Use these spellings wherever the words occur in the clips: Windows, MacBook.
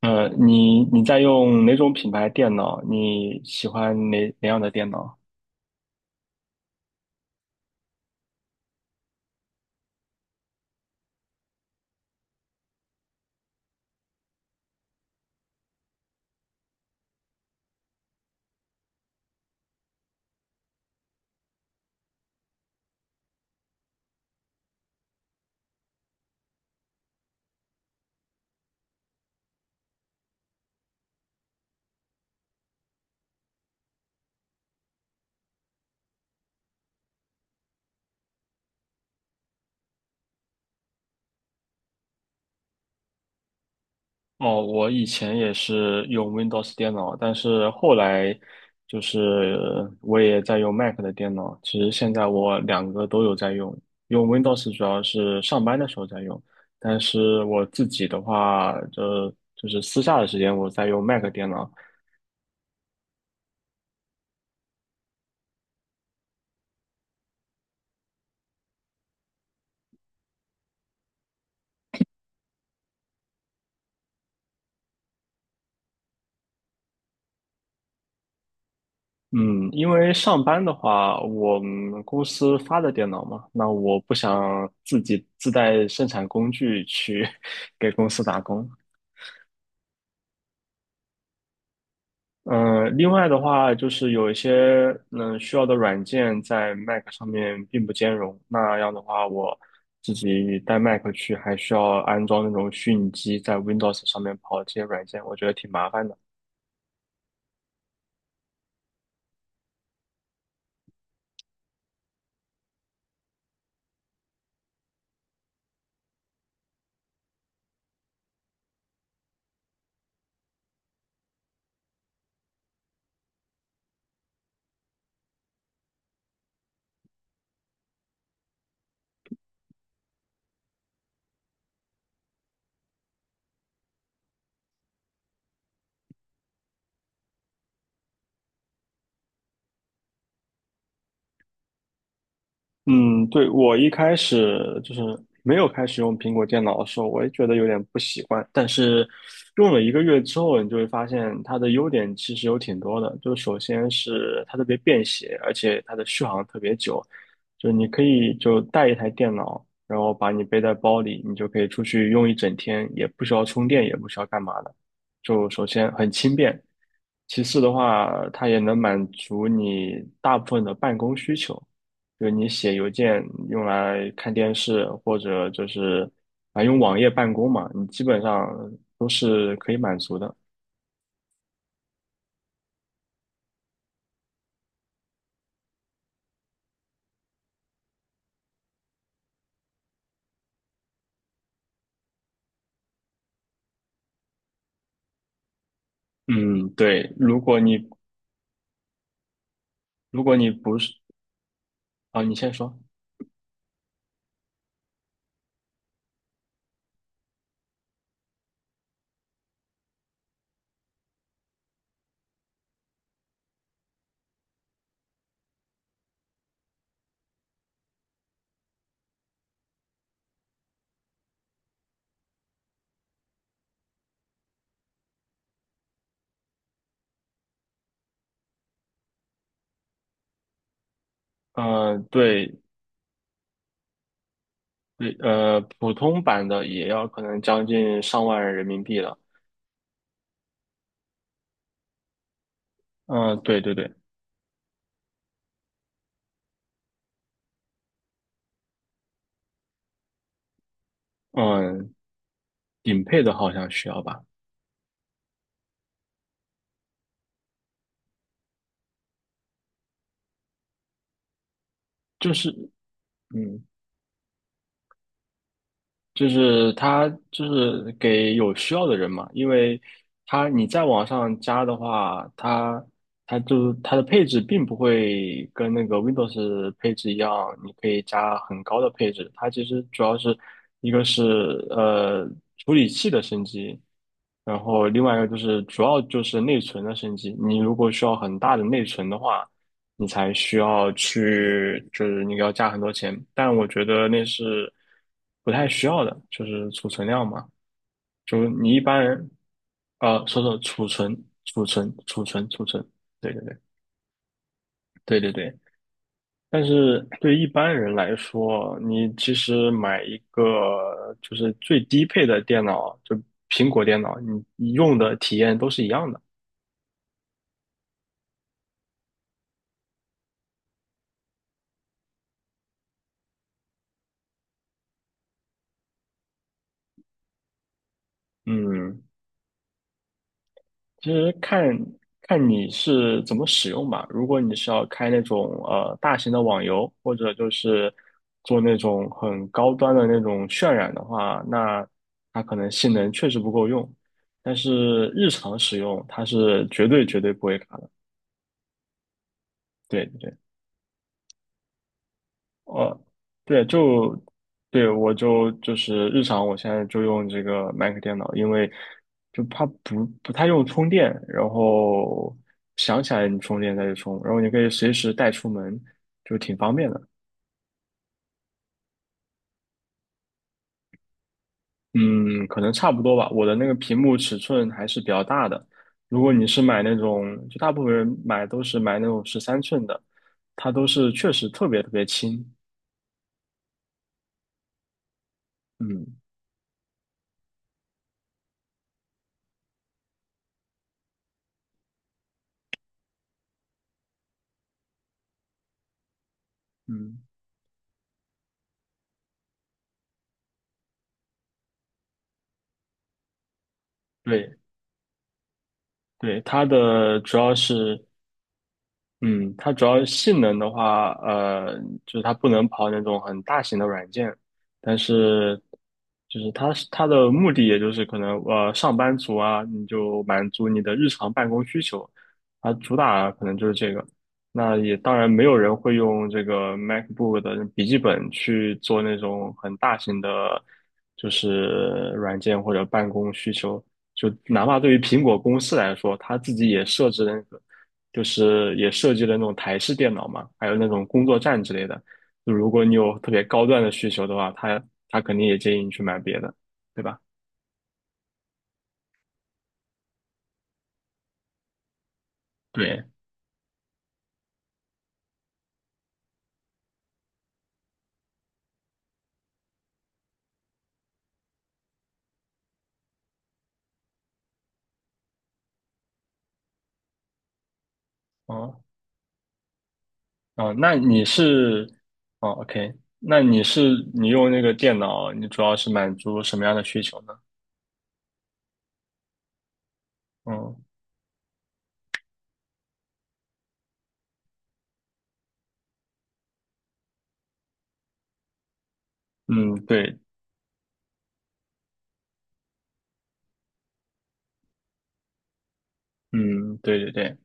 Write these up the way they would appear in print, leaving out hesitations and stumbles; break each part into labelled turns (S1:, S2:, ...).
S1: 你在用哪种品牌电脑？你喜欢哪样的电脑？哦，我以前也是用 Windows 电脑，但是后来就是我也在用 Mac 的电脑。其实现在我两个都有在用，用 Windows 主要是上班的时候在用，但是我自己的话，就是私下的时间我在用 Mac 电脑。嗯，因为上班的话，我们公司发的电脑嘛，那我不想自己自带生产工具去 给公司打工。嗯，另外的话，就是有一些需要的软件在 Mac 上面并不兼容，那样的话，我自己带 Mac 去，还需要安装那种虚拟机在 Windows 上面跑这些软件，我觉得挺麻烦的。嗯，对，我一开始就是没有开始用苹果电脑的时候，我也觉得有点不习惯。但是用了1个月之后，你就会发现它的优点其实有挺多的。就首先是它特别便携，而且它的续航特别久。就你可以就带一台电脑，然后把你背在包里，你就可以出去用一整天，也不需要充电，也不需要干嘛的。就首先很轻便，其次的话，它也能满足你大部分的办公需求，就是你写邮件用来看电视，或者就是啊用网页办公嘛，你基本上都是可以满足的。嗯，对，如果你不是啊，你先说。嗯，对对，普通版的也要可能将近上万人民币了。嗯、对对对。嗯、顶配的好像需要吧，就是。嗯。就是它就是给有需要的人嘛，因为它你在网上加的话，它的配置并不会跟那个 Windows 配置一样，你可以加很高的配置。它其实主要是一个是呃处理器的升级，然后另外一个就是主要就是内存的升级。你如果需要很大的内存的话，你才需要去，就是你要加很多钱。但我觉得那是不太需要的，就是储存量嘛。就是你一般人，说储存，对对对对对对。但是对一般人来说，你其实买一个就是最低配的电脑，就苹果电脑，你用的体验都是一样的。嗯，其实看看你是怎么使用吧。如果你是要开那种大型的网游，或者就是做那种很高端的那种渲染的话，那它可能性能确实不够用。但是日常使用，它是绝对绝对不会卡的。对，对。呃，对，对我就是日常，我现在就用这个 Mac 电脑，因为就它不太用充电，然后想起来你充电再去充，然后你可以随时带出门，就挺方便的。嗯，可能差不多吧。我的那个屏幕尺寸还是比较大的，如果你是买那种，就大部分人买都是买那种13寸的，它都是确实特别特别轻。嗯嗯。对对，它的主要是嗯，它主要性能的话，就是它不能跑那种很大型的软件，但是就是它是它的目的，也就是可能上班族啊，你就满足你的日常办公需求，它主打可能就是这个。那也当然没有人会用这个 MacBook 的笔记本去做那种很大型的，就是软件或者办公需求。就哪怕对于苹果公司来说，它自己也设置了。就是也设计了那种台式电脑嘛，还有那种工作站之类的。就如果你有特别高端的需求的话，他肯定也建议你去买别的，对吧？对，哦哦，那你是哦，OK,那你是你用那个电脑，你主要是满足什么样的需求呢？嗯嗯，对，嗯对对对。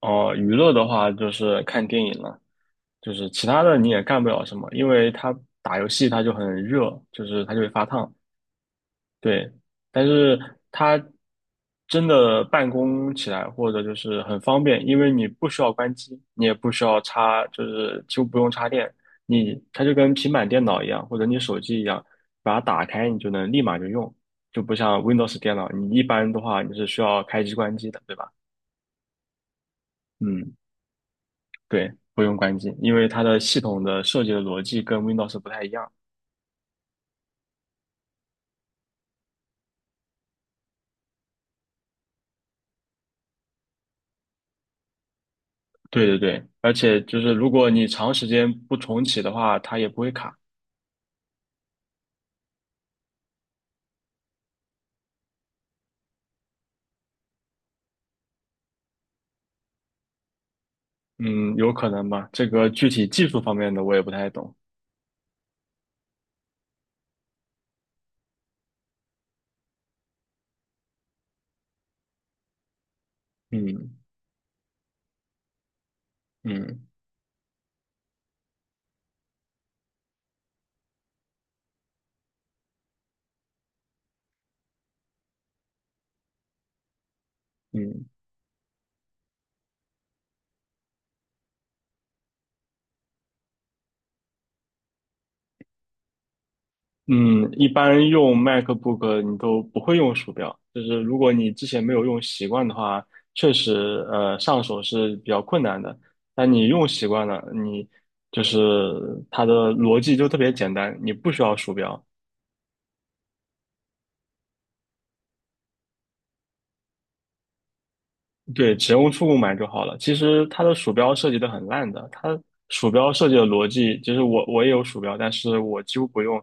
S1: 哦，娱乐的话就是看电影了，就是其他的你也干不了什么，因为它打游戏它就很热，就是它就会发烫。对，但是它真的办公起来或者就是很方便，因为你不需要关机，你也不需要插，就是就不用插电，它就跟平板电脑一样，或者你手机一样，把它打开你就能立马就用，就不像 Windows 电脑，你一般的话你是需要开机关机的，对吧？嗯，对，不用关机，因为它的系统的设计的逻辑跟 Windows 不太一样。对对对，而且就是如果你长时间不重启的话，它也不会卡。嗯，有可能吧。这个具体技术方面的我也不太懂。嗯嗯嗯嗯，一般用 MacBook 你都不会用鼠标，就是如果你之前没有用习惯的话，确实上手是比较困难的。但你用习惯了，你就是它的逻辑就特别简单，你不需要鼠标，对，只用触控板就好了。其实它的鼠标设计的很烂的，它鼠标设计的逻辑，就是我也有鼠标，但是我几乎不用。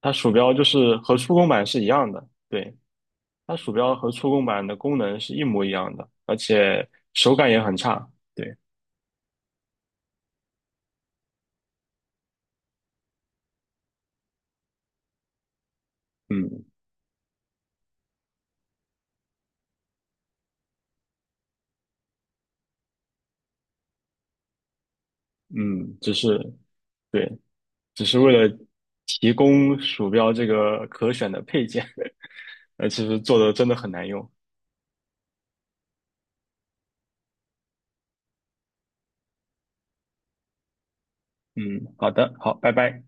S1: 它鼠标就是和触控板是一样的，对，它鼠标和触控板的功能是一模一样的，而且手感也很差。对，嗯嗯，只是对，只是为了提供鼠标这个可选的配件，其实做的真的很难用。嗯，好的，好，拜拜。